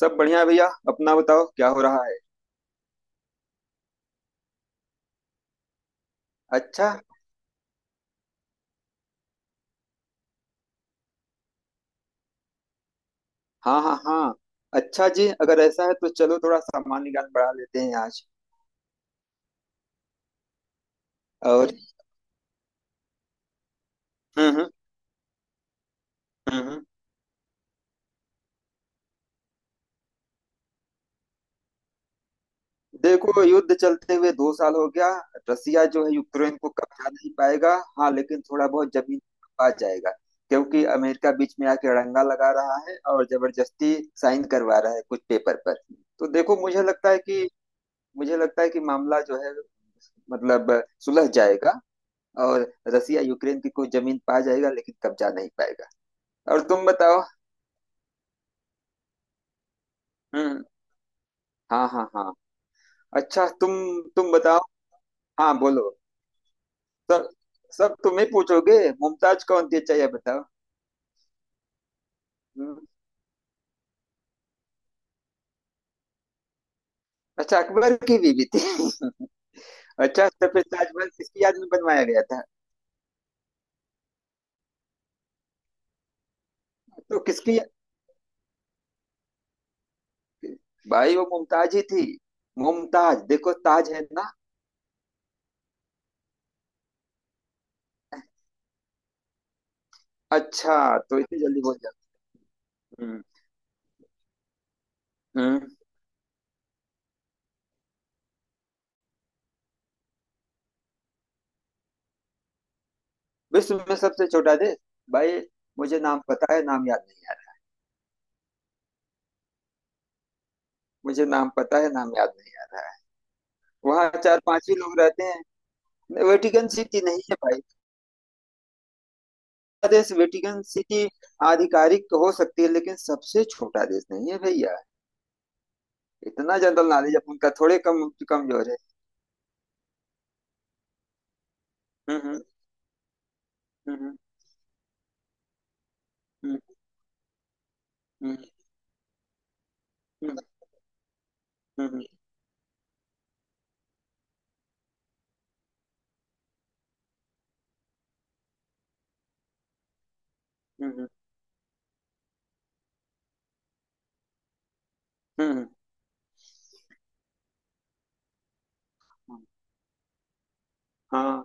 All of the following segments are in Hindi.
सब बढ़िया है भैया। अपना बताओ, क्या हो रहा है? अच्छा। हाँ हाँ हाँ। अच्छा जी, अगर ऐसा है तो चलो थोड़ा सामान्य ज्ञान बढ़ा लेते हैं आज। और हम्म हम्म हम्म हम्म। देखो, युद्ध चलते हुए 2 साल हो गया। रसिया जो है यूक्रेन को कब्जा नहीं पाएगा, हाँ लेकिन थोड़ा बहुत जमीन पा जाएगा। क्योंकि अमेरिका बीच में आके अड़ंगा लगा रहा है और जबरदस्ती साइन करवा रहा है कुछ पेपर पर। तो देखो, मुझे लगता है कि मामला जो है, मतलब, सुलझ जाएगा। और रसिया यूक्रेन की कोई जमीन पा जाएगा लेकिन कब्जा नहीं पाएगा। और तुम बताओ। हम्म। हाँ हाँ हाँ। अच्छा तुम बताओ। हाँ बोलो। सब सब तुम ही पूछोगे। मुमताज कौन थी, अच्छा ये बताओ। हम्म। अच्छा, अकबर की बीवी थी अच्छा, सफेद ताजमहल किसकी याद में बनवाया गया था? तो किसकी? भाई वो मुमताज ही थी। मुमताज, देखो, ताज है ना। अच्छा। तो इतनी जल्दी बोल जाओ। हम्म हम्म। विश्व में सबसे छोटा देश? भाई मुझे नाम पता है, नाम याद नहीं। मुझे नाम पता है, नाम याद नहीं आ रहा है। वहाँ चार पांच ही लोग रहते हैं। वेटिकन सिटी नहीं है भाई। देश वेटिकन सिटी आधिकारिक तो हो सकती है लेकिन सबसे छोटा देश नहीं है भैया। इतना जनरल नॉलेज अपन का थोड़े कम कमजोर है। हम्म हम्म हम्म हम्म हम्म हम्म हम्म हम्म हम्म, हम्म, हम्म, हम्म, हाँ।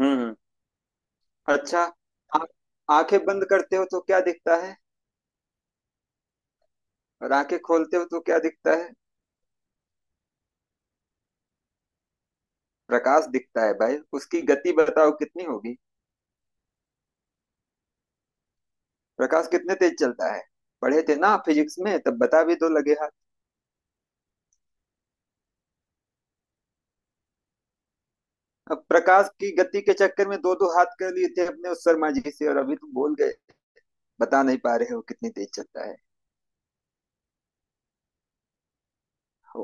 हम्म। अच्छा। आ- आंखें बंद करते हो तो क्या दिखता है? और आंखें खोलते हो तो क्या दिखता है? प्रकाश दिखता है भाई, उसकी गति बताओ कितनी होगी? प्रकाश कितने तेज चलता है? पढ़े थे ना फिजिक्स में, तब बता भी दो लगे हाथ। अब प्रकाश की गति के चक्कर में दो दो हाथ कर लिए थे अपने उस शर्मा जी से और अभी तुम भूल गए? बता नहीं पा रहे हो कितनी तेज चलता है।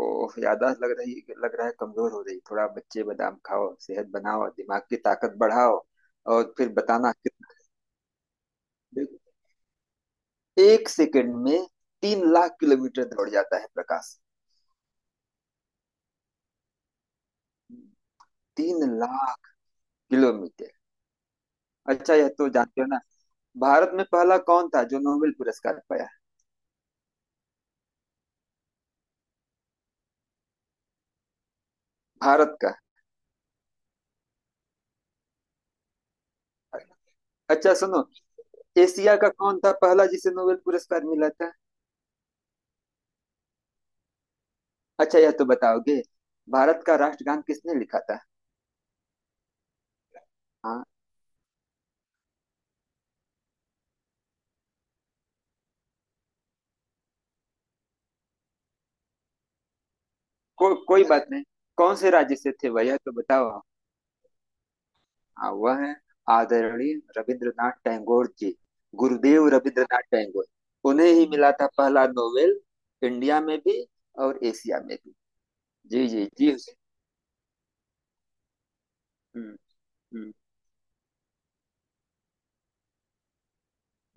ओह, याददाश्त लग रही, लग रहा है कमजोर हो रही। थोड़ा बच्चे बादाम खाओ, सेहत बनाओ, दिमाग की ताकत बढ़ाओ। और फिर बताना कितना। 1 सेकंड में 3 लाख किलोमीटर दौड़ जाता है प्रकाश। 3 लाख किलोमीटर। अच्छा, यह तो जानते हो ना, भारत में पहला कौन था जो नोबेल पुरस्कार पाया? भारत का। अच्छा सुनो, एशिया का कौन था पहला जिसे नोबेल पुरस्कार मिला था? अच्छा यह तो बताओगे, भारत का राष्ट्रगान किसने लिखा था? हाँ। कोई बात नहीं। कौन से राज्य से थे वह, यह तो बताओ। हाँ, वह है आदरणीय रविंद्रनाथ टैगोर जी। गुरुदेव रविंद्रनाथ टैगोर। उन्हें ही मिला था पहला नोबेल, इंडिया में भी और एशिया में भी। जी जी जी। हम्म हम्म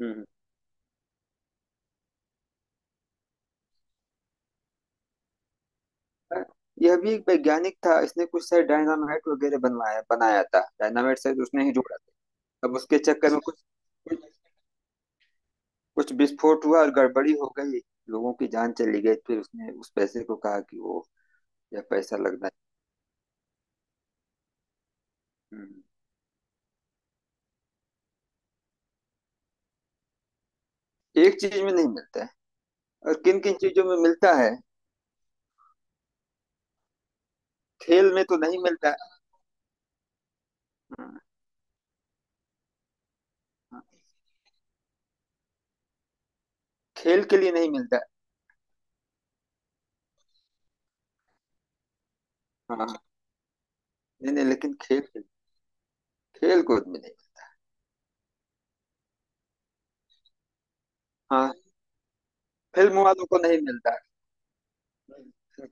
हम्म। यह भी एक वैज्ञानिक था, इसने कुछ शायद डायनामाइट वगैरह बनवाया, बनाया था। डायनामाइट शायद उसने ही जोड़ा था। अब उसके चक्कर में कुछ, कुछ कुछ विस्फोट हुआ और गड़बड़ी हो गई। लोगों की जान चली गई, फिर उसने उस पैसे को कहा कि वो यह पैसा लगना है। हम्म। एक चीज में नहीं मिलता है। और किन किन चीजों में मिलता है? खेल में तो नहीं मिलता है। हाँ, हाँ। खेल के लिए नहीं मिलता है। हाँ। नहीं नहीं, लेकिन खेल, खेल कूद में नहीं। हाँ। फिल्म वालों को नहीं मिलता है।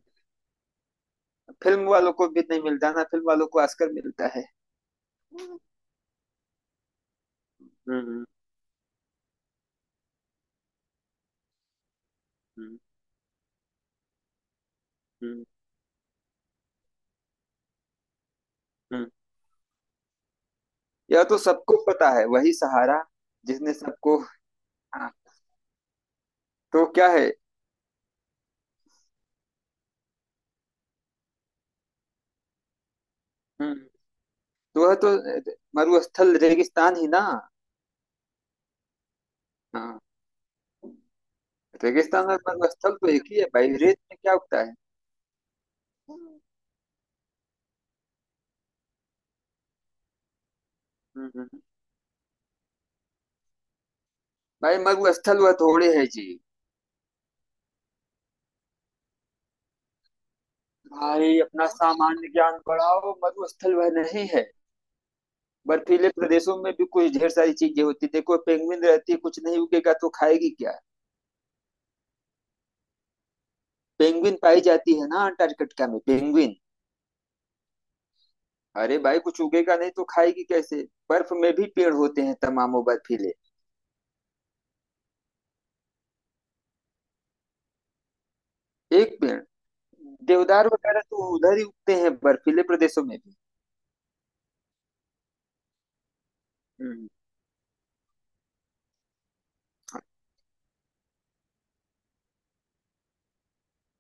फिल्म वालों को भी नहीं मिलता ना, फिल्म वालों को ऑस्कर मिलता है। हम्म हम्म। हम्म हम्म। यह तो सबको पता है, वही सहारा। जिसने सबको। हाँ। तो क्या है? हम्म। तो वह तो, मरुस्थल रेगिस्तान ही ना। हाँ। रेगिस्तान और मरुस्थल तो एक ही है भाई, रेत में क्या उगता है? हम्म, हम्म। भाई मरुस्थल वह थोड़े है जी। भाई अपना सामान्य ज्ञान बढ़ाओ, मरुस्थल वह नहीं है। बर्फीले प्रदेशों में भी कुछ ढेर सारी चीजें होती, देखो पेंगुइन रहती है, कुछ नहीं उगेगा तो खाएगी क्या? पेंगुइन पाई जाती है ना अंटार्कटिका में, पेंगुइन। अरे भाई कुछ उगेगा नहीं तो खाएगी कैसे? बर्फ में भी पेड़ होते हैं तमामों बर्फीले। एक पेड़। देवदार वगैरह तो उधर ही उगते हैं बर्फीले प्रदेशों में भी। हम्म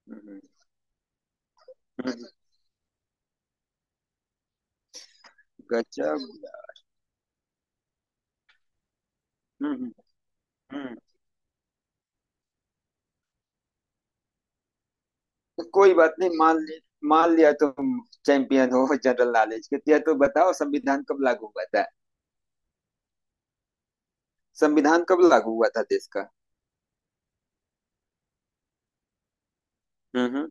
हम्म। हम्म, गजब। हम्म हम्म। तो कोई बात नहीं, मान ले। मान लिया तुम चैंपियन हो जनरल नॉलेज के। तो या तो बताओ, संविधान कब लागू हुआ था? संविधान कब लागू हुआ था देश का? हम्म।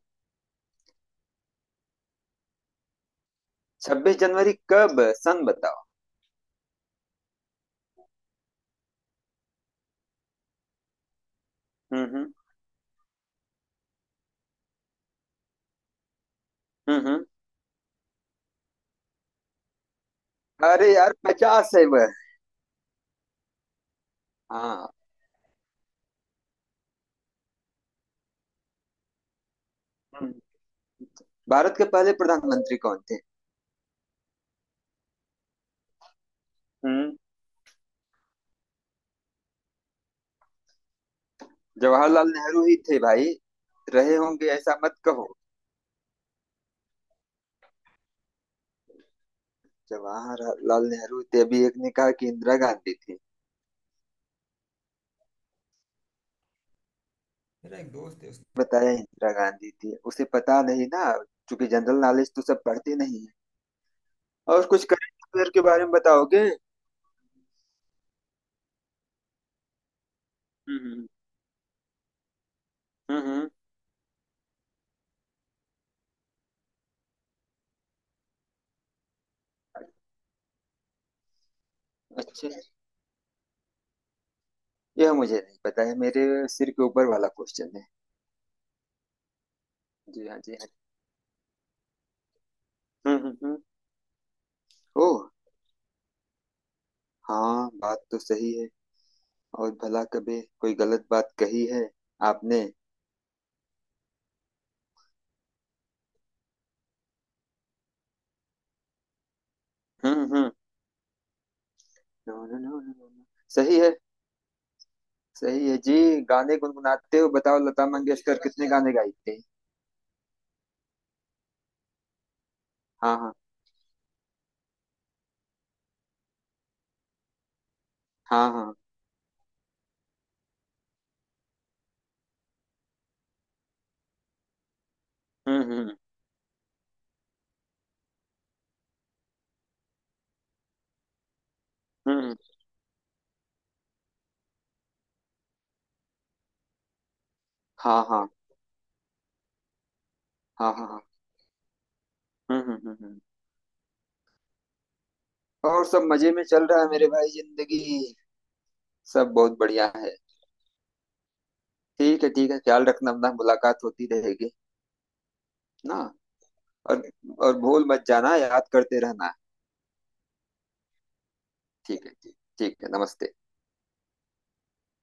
26 जनवरी कब, सन बताओ। हम्म हम्म हम्म। अरे यार पचास है वह। हाँ। हम्म। भारत के पहले प्रधानमंत्री कौन थे? हम्म। जवाहरलाल नेहरू ही थे भाई। रहे होंगे ऐसा मत कहो। जवाहरलाल नेहरू थे, अभी एक ने कहा कि इंदिरा गांधी थी। मेरा एक दोस्त है, उसने बताया इंदिरा गांधी थी, उसे पता नहीं ना, क्योंकि जनरल नॉलेज तो सब पढ़ते नहीं है। और कुछ करंट अफेयर के बारे में बताओगे? हम्म हम्म हम्म, हम्म। अच्छा, यह मुझे नहीं पता है, मेरे सिर के ऊपर वाला क्वेश्चन है। जी हाँ जी हाँ। हम्म हम्म हम्म। ओह। हाँ बात तो सही है। और भला कभी कोई गलत बात कही है आपने? हम्म। No no no no no no. सही है, सही है जी। गाने गुनगुनाते हो, बताओ लता मंगेशकर कितने गाने गाई थी? हाँ हाँ हाँ हाँ। हम्म हम्म हम्म हम्म। हाँ हाँ हाँ हाँ हाँ। हम्म हम्म हम्म हम्म। और सब मजे में चल रहा है मेरे भाई, जिंदगी सब बहुत बढ़िया है। ठीक है ठीक है, ख्याल रखना अपना, मुलाकात होती रहेगी ना। और और भूल मत जाना, याद करते रहना। ठीक है, ठीक, ठीक है, नमस्ते।